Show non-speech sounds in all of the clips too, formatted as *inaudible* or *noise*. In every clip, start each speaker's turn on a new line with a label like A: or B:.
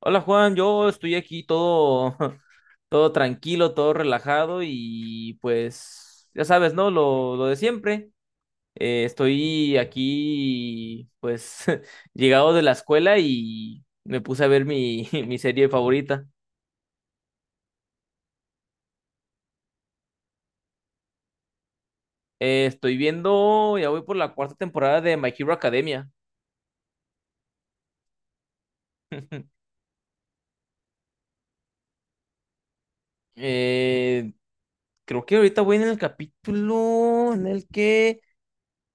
A: Hola Juan, yo estoy aquí todo, *laughs* todo tranquilo, todo relajado y pues ya sabes, ¿no? Lo de siempre. Estoy aquí pues *laughs* llegado de la escuela y me puse a ver *laughs* mi serie favorita. Estoy viendo, ya voy por la cuarta temporada de My Hero Academia. *laughs* Eh, Creo que ahorita voy en el capítulo en el que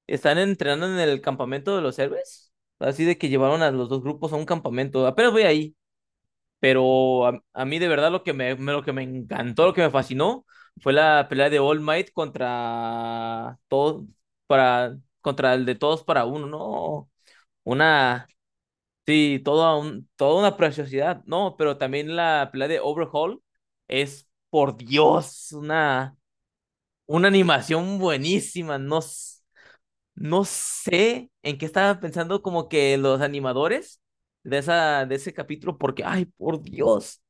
A: están entrenando en el campamento de los héroes. Así de que llevaron a los dos grupos a un campamento. Apenas voy ahí, pero a mí de verdad lo que lo que me encantó, lo que me fascinó, fue la pelea de All Might contra todos, contra el de todos para uno, ¿no? Una, sí, toda, un, toda una preciosidad, ¿no? Pero también la pelea de Overhaul por Dios, una animación buenísima, no sé en qué estaban pensando como que los animadores de ese capítulo, porque, ay, por Dios,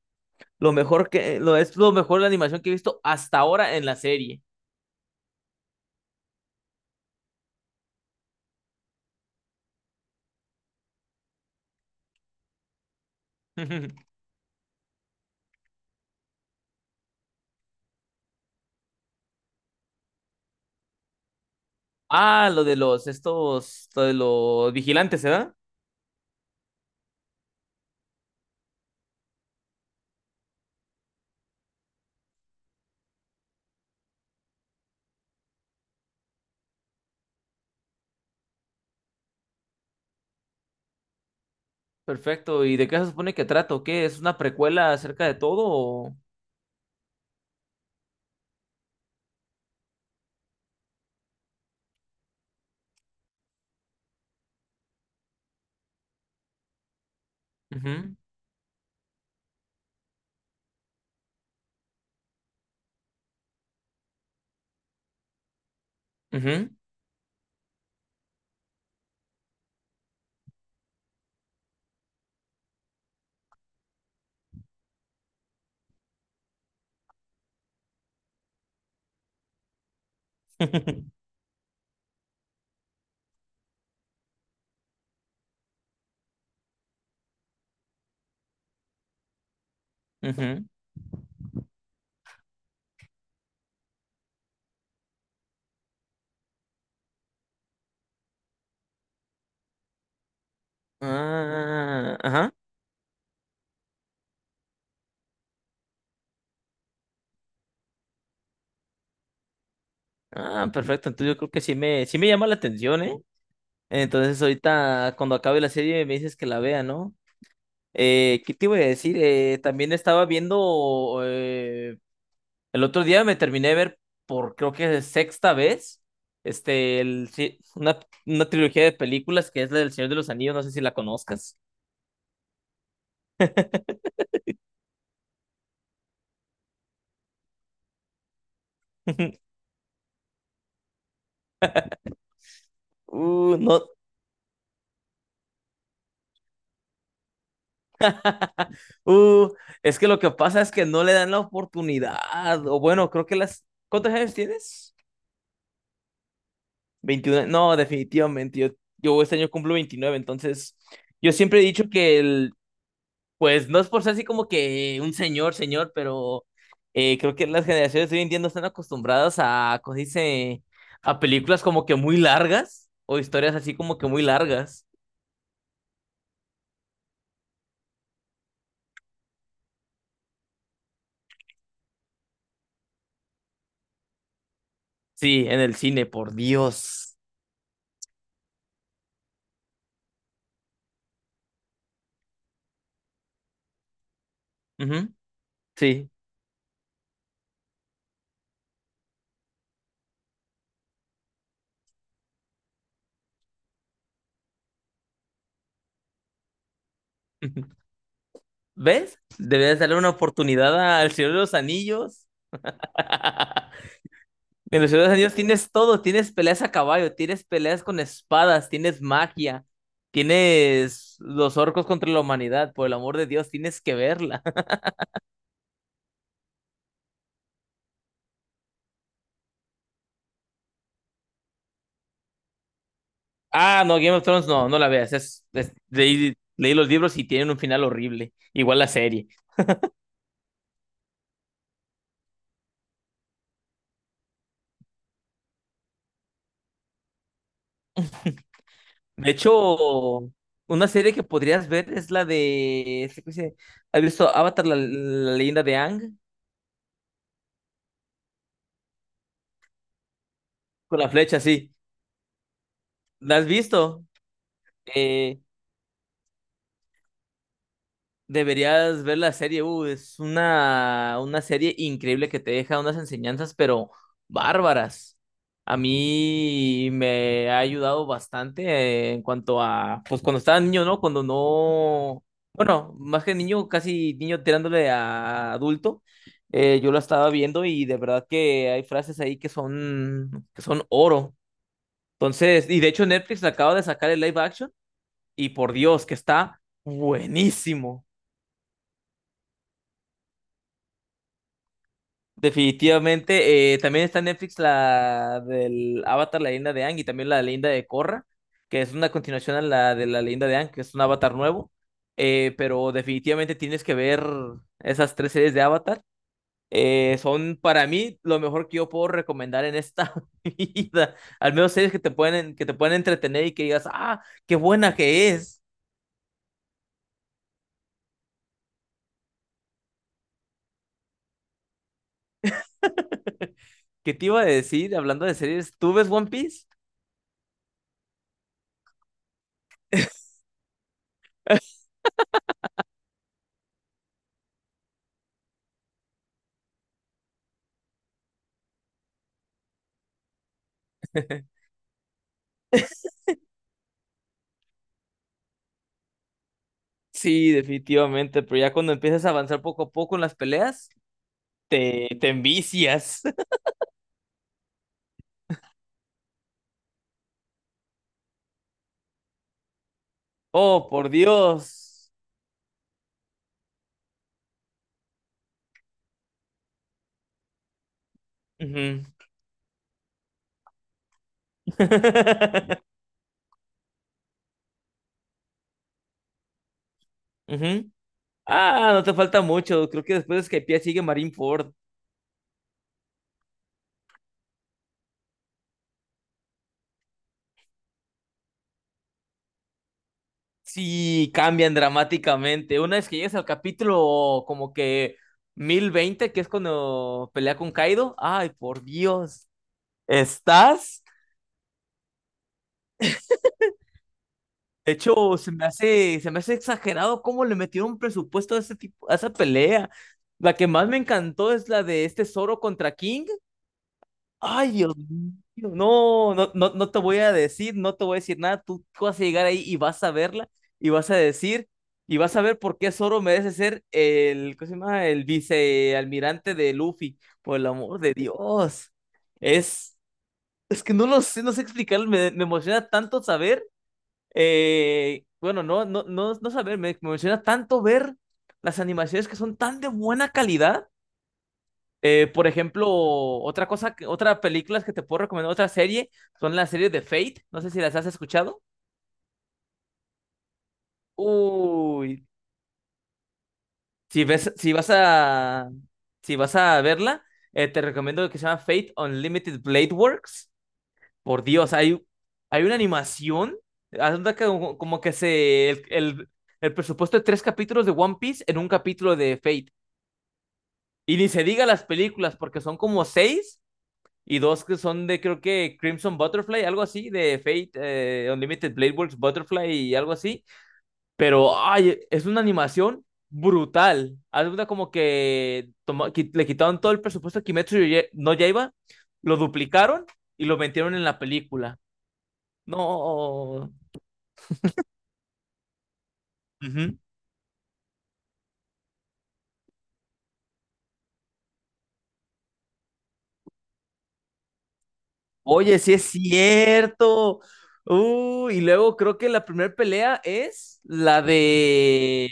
A: lo mejor que, lo, es lo mejor la animación que he visto hasta ahora en la serie. *laughs* Ah, lo de los vigilantes, ¿verdad? Perfecto. ¿Y de qué se supone que trato? ¿Qué? ¿Es una precuela acerca de todo o...? Ujú, ujú, *laughs* ujú. Ah, ajá. Ah, perfecto. Entonces yo creo que sí me llama la atención, ¿eh? Entonces ahorita cuando acabe la serie me dices que la vea, ¿no? ¿Qué te iba a decir? También estaba viendo, el otro día me terminé de ver por creo que sexta vez, este, el, sí, una, una trilogía de películas que es la del Señor de los Anillos, no sé si la conozcas. *laughs* No, *laughs* uh, es que lo que pasa es que no le dan la oportunidad, o bueno, creo que las... ¿Cuántos años tienes? 21 no, definitivamente, yo este año cumplo 29 entonces yo siempre he dicho que el, pues no es por ser así como que un señor, señor, pero creo que las generaciones de hoy en día no están acostumbradas a, ¿cómo se dice? A películas como que muy largas o historias así como que muy largas. Sí, en el cine, por Dios. Ujú, sí. *laughs* ¿Ves? Debes darle una oportunidad al Señor de los Anillos. *laughs* En los Ciudadanos Anillos tienes todo, tienes peleas a caballo, tienes peleas con espadas, tienes magia, tienes los orcos contra la humanidad, por el amor de Dios, tienes que verla. *laughs* Ah, no, Game of Thrones no, no la veas, leí los libros y tienen un final horrible, igual la serie. De hecho, una serie que podrías ver es la de, ¿cómo se dice? ¿Has visto Avatar, la leyenda de Aang? Con la flecha, sí. ¿La has visto? Eh, Deberías ver la serie, una serie increíble que te deja unas enseñanzas, pero bárbaras. A mí me ha ayudado bastante en cuanto a, pues cuando estaba niño, ¿no? Cuando no, bueno, más que niño, casi niño tirándole a adulto, yo la estaba viendo y de verdad que hay frases ahí que son oro. Entonces, y de hecho Netflix acaba de sacar el live action y por Dios que está buenísimo. Definitivamente. También está en Netflix la del Avatar, la leyenda de Aang, y también la leyenda de Korra, que es una continuación a la de la leyenda de Aang, que es un Avatar nuevo. Pero definitivamente tienes que ver esas tres series de Avatar. Son para mí lo mejor que yo puedo recomendar en esta *laughs* vida. Al menos series que te pueden entretener y que digas, ah, qué buena que es. ¿Qué te iba a decir hablando de series? ¿Tú ves One Piece? *laughs* Sí, definitivamente, pero ya cuando empiezas a avanzar poco a poco en las peleas, te envicias. *laughs* Oh, por Dios. Ujú. *laughs* Ujú. Ah, no te falta mucho. Creo que después de Skypiea sigue Marineford. Sí, cambian dramáticamente. Una vez que llegas al capítulo como que 1020, que es cuando pelea con Kaido. Ay, por Dios. ¿Estás? De hecho, se me hace exagerado cómo le metieron presupuesto a ese tipo, a esa pelea. La que más me encantó es la de este Zoro contra King. Ay, Dios mío, no, no, no, no te voy a decir, no te voy a decir nada. Tú vas a llegar ahí y vas a verla y vas a decir y vas a ver por qué Zoro merece ser el, ¿cómo se llama? El vicealmirante de Luffy. Por el amor de Dios. Es, es que no lo sé, no sé explicarlo. Me emociona tanto saber bueno, no, no, no, no saber, me emociona tanto ver las animaciones que son tan de buena calidad. Por ejemplo, otra cosa, otra película que te puedo recomendar, otra serie, son las series de Fate. No sé si las has escuchado. Uy, si vas a, si vas a verla, te recomiendo que se llama Fate Unlimited Blade Works. Por Dios, hay una animación. Haz de cuenta que como que se. El presupuesto de 3 capítulos de One Piece en un capítulo de Fate. Y ni se diga las películas, porque son como seis y dos que son de, creo que Crimson Butterfly, algo así, de Fate, Unlimited Blade Works Butterfly y algo así. Pero, ay, es una animación brutal. Haz de cuenta como que le quitaron todo el presupuesto a Kimetsu no Yaiba, lo duplicaron y lo metieron en la película. No, ujú. Oye, sí es cierto. Y luego creo que la primera pelea es la de...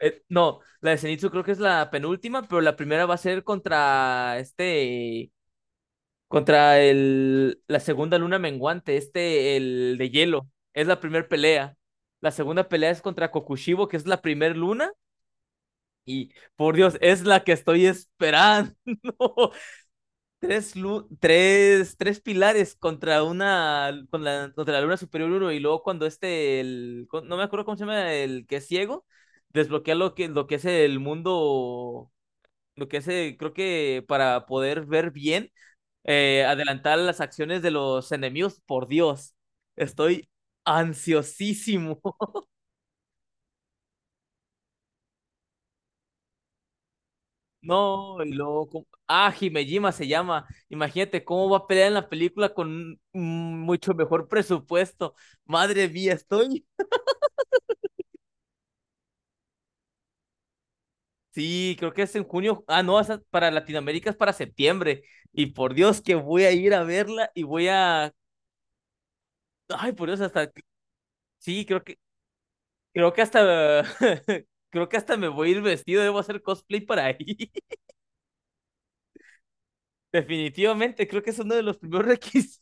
A: no, la de Zenitsu creo que es la penúltima, pero la primera va a ser contra este... Contra la segunda luna menguante, este, el de hielo. Es la primera pelea. La segunda pelea es contra Kokushibo, que es la primera luna. Y, por Dios, es la que estoy *laughs* esperando. Tres, lu- tres, 3 pilares contra una, contra la luna superior uno, y luego cuando este, no me acuerdo cómo se llama, el que es ciego, desbloquea lo que es el mundo, lo que es, creo que para poder ver bien, adelantar las acciones de los enemigos, por Dios, estoy ansiosísimo. No, y luego, ¿cómo? Ah, Himejima se llama. Imagínate cómo va a pelear en la película con un mucho mejor presupuesto. Madre mía, estoy. Sí, creo que es en junio. Ah, no, esa para Latinoamérica es para septiembre. Y por Dios que voy a ir a verla y voy a. Ay, por Dios, hasta. Sí, creo que hasta. *laughs* Creo que hasta me voy a ir vestido, debo hacer cosplay para ahí. *laughs* Definitivamente, creo que es uno de los primeros *laughs* requisitos.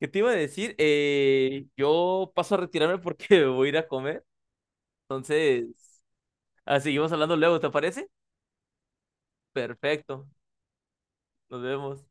A: ¿Qué te iba a decir? Yo paso a retirarme porque *laughs* voy a ir a comer. Entonces, ah, seguimos hablando luego, ¿te parece? Perfecto. Nos vemos.